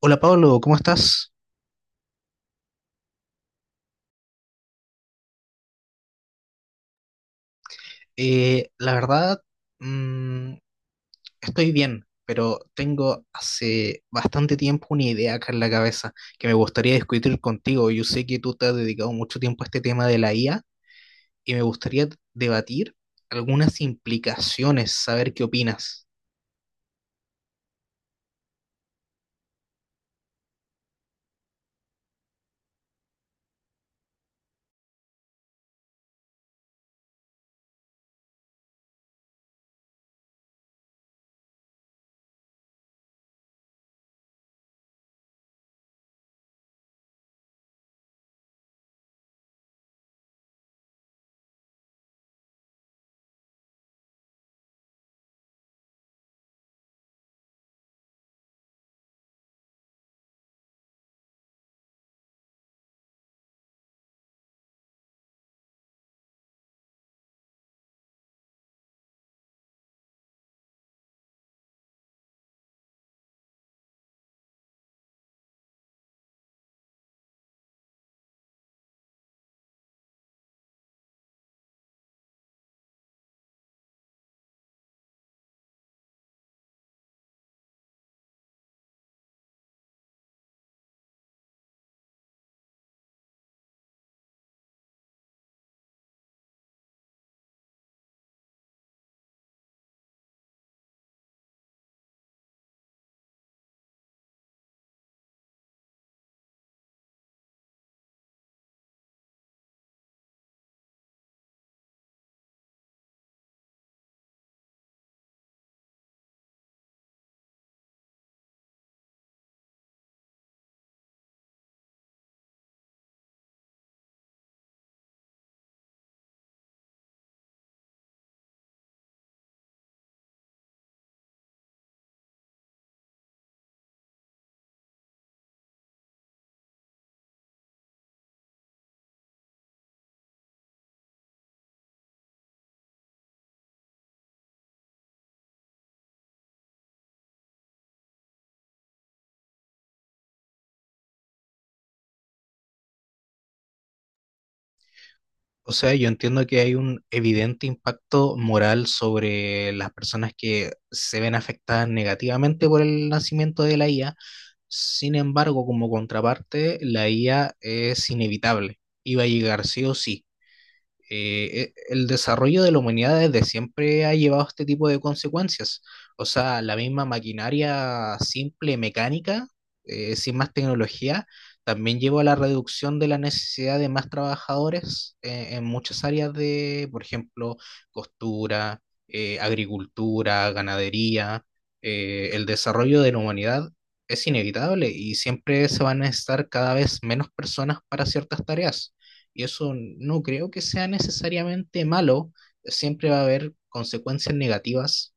Hola Pablo, ¿cómo estás? La verdad, mm, estoy bien, pero tengo hace bastante tiempo una idea acá en la cabeza que me gustaría discutir contigo. Yo sé que tú te has dedicado mucho tiempo a este tema de la IA y me gustaría debatir algunas implicaciones, saber qué opinas. O sea, yo entiendo que hay un evidente impacto moral sobre las personas que se ven afectadas negativamente por el nacimiento de la IA. Sin embargo, como contraparte, la IA es inevitable. Iba a llegar sí o sí el desarrollo de la humanidad desde siempre ha llevado este tipo de consecuencias. O sea, la misma maquinaria simple, mecánica, sin más tecnología, también llevó a la reducción de la necesidad de más trabajadores en muchas áreas de, por ejemplo, costura, agricultura, ganadería. El desarrollo de la humanidad es inevitable y siempre se van a necesitar cada vez menos personas para ciertas tareas. Y eso no creo que sea necesariamente malo, siempre va a haber consecuencias negativas,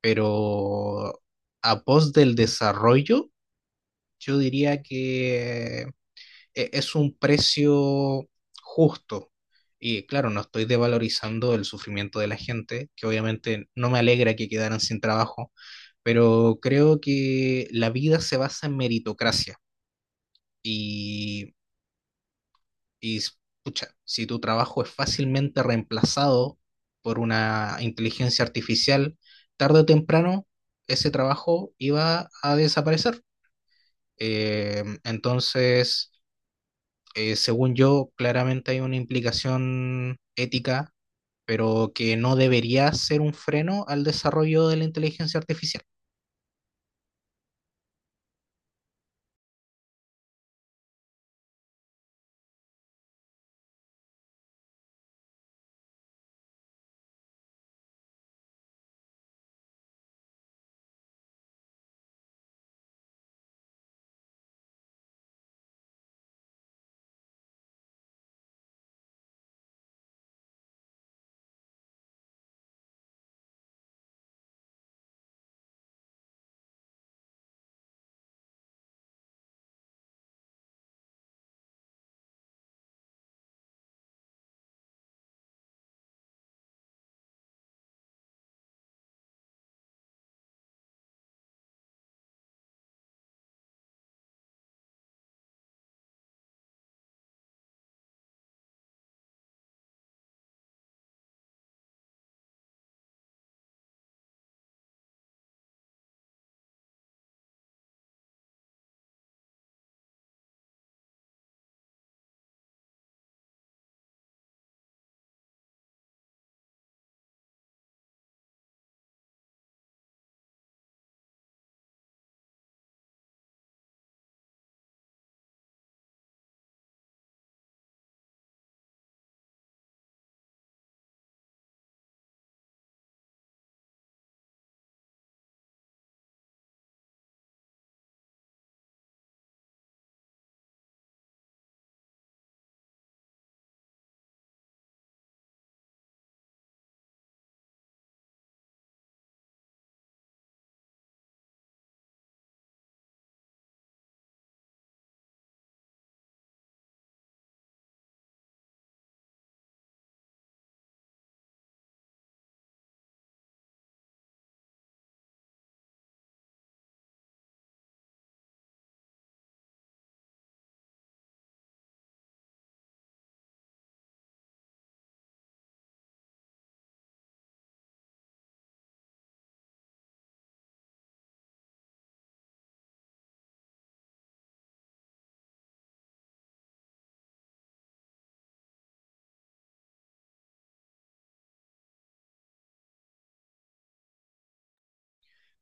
pero a pos del desarrollo, yo diría que es un precio justo. Y claro, no estoy devalorizando el sufrimiento de la gente, que obviamente no me alegra que quedaran sin trabajo, pero creo que la vida se basa en meritocracia y Y pucha, si tu trabajo es fácilmente reemplazado por una inteligencia artificial, tarde o temprano ese trabajo iba a desaparecer. Entonces, según yo, claramente hay una implicación ética, pero que no debería ser un freno al desarrollo de la inteligencia artificial.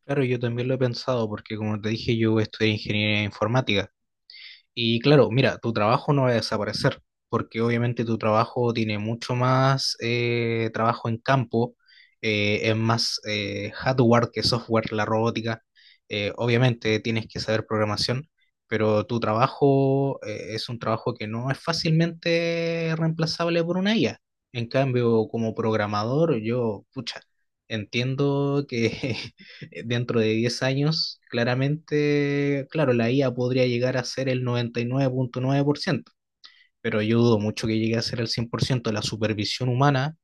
Claro, yo también lo he pensado porque, como te dije, yo estudié ingeniería informática. Y claro, mira, tu trabajo no va a desaparecer, porque obviamente tu trabajo tiene mucho más trabajo en campo, es más hardware que software, la robótica. Obviamente tienes que saber programación, pero tu trabajo es un trabajo que no es fácilmente reemplazable por una IA. En cambio, como programador, yo, pucha, entiendo que dentro de 10 años, claramente, claro, la IA podría llegar a ser el 99.9%, pero yo dudo mucho que llegue a ser el 100%. La supervisión humana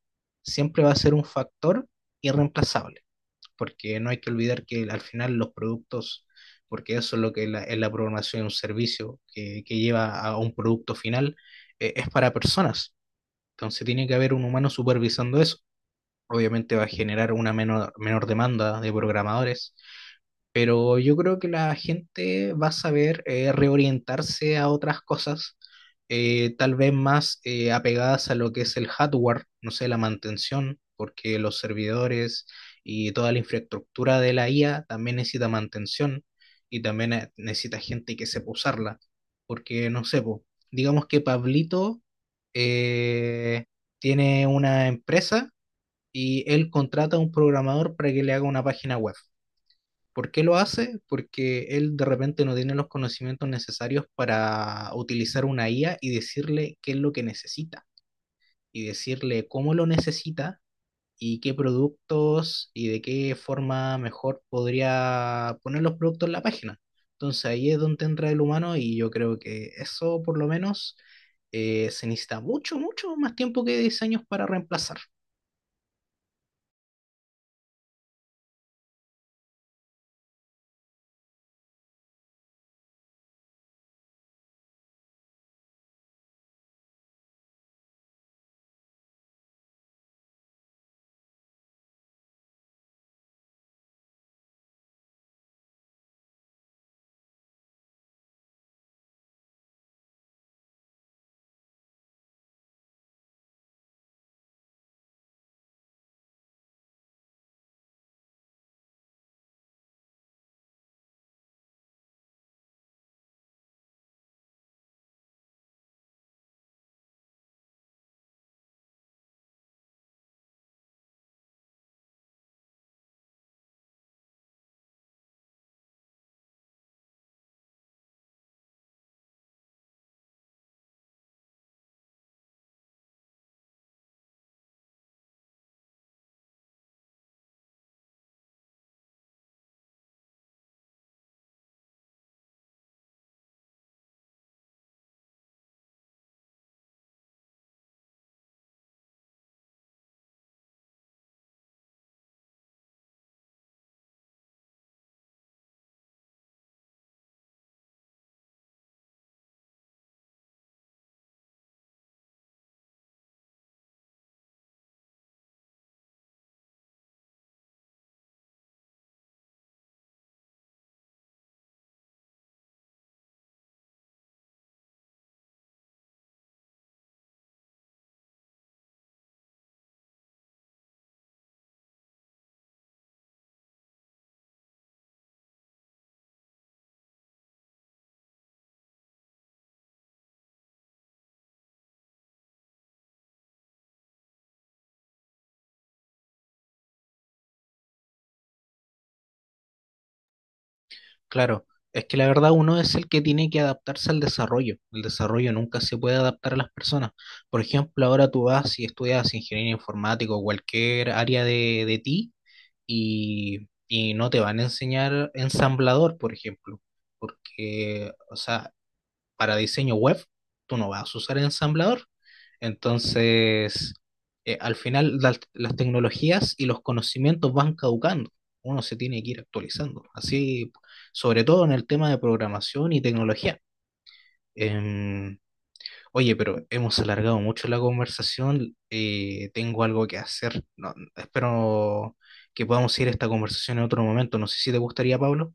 siempre va a ser un factor irreemplazable, porque no hay que olvidar que al final los productos, porque eso es lo que es la programación de un servicio que lleva a un producto final, es para personas. Entonces tiene que haber un humano supervisando eso. Obviamente va a generar una menor, menor demanda de programadores, pero yo creo que la gente va a saber reorientarse a otras cosas, tal vez más apegadas a lo que es el hardware, no sé, la mantención, porque los servidores y toda la infraestructura de la IA también necesita mantención y también necesita gente que sepa usarla, porque no sé, po, digamos que Pablito eh, tiene una empresa y él contrata a un programador para que le haga una página web. ¿Por qué lo hace? Porque él de repente no tiene los conocimientos necesarios para utilizar una IA y decirle qué es lo que necesita y decirle cómo lo necesita y qué productos y de qué forma mejor podría poner los productos en la página. Entonces ahí es donde entra el humano y yo creo que eso por lo menos se necesita mucho, mucho más tiempo que 10 años para reemplazar. Claro, es que la verdad uno es el que tiene que adaptarse al desarrollo. El desarrollo nunca se puede adaptar a las personas. Por ejemplo, ahora tú vas y estudias ingeniería informática o cualquier área de ti y no te van a enseñar ensamblador, por ejemplo, porque, o sea, para diseño web, tú no vas a usar el ensamblador. Entonces, al final las tecnologías y los conocimientos van caducando. Uno se tiene que ir actualizando. Así, sobre todo en el tema de programación y tecnología. Em, Oye, pero hemos alargado mucho la conversación. Tengo algo que hacer. No, espero que podamos ir a esta conversación en otro momento. No sé si te gustaría, Pablo.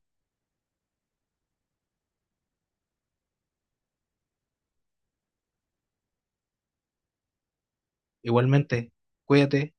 Igualmente, cuídate.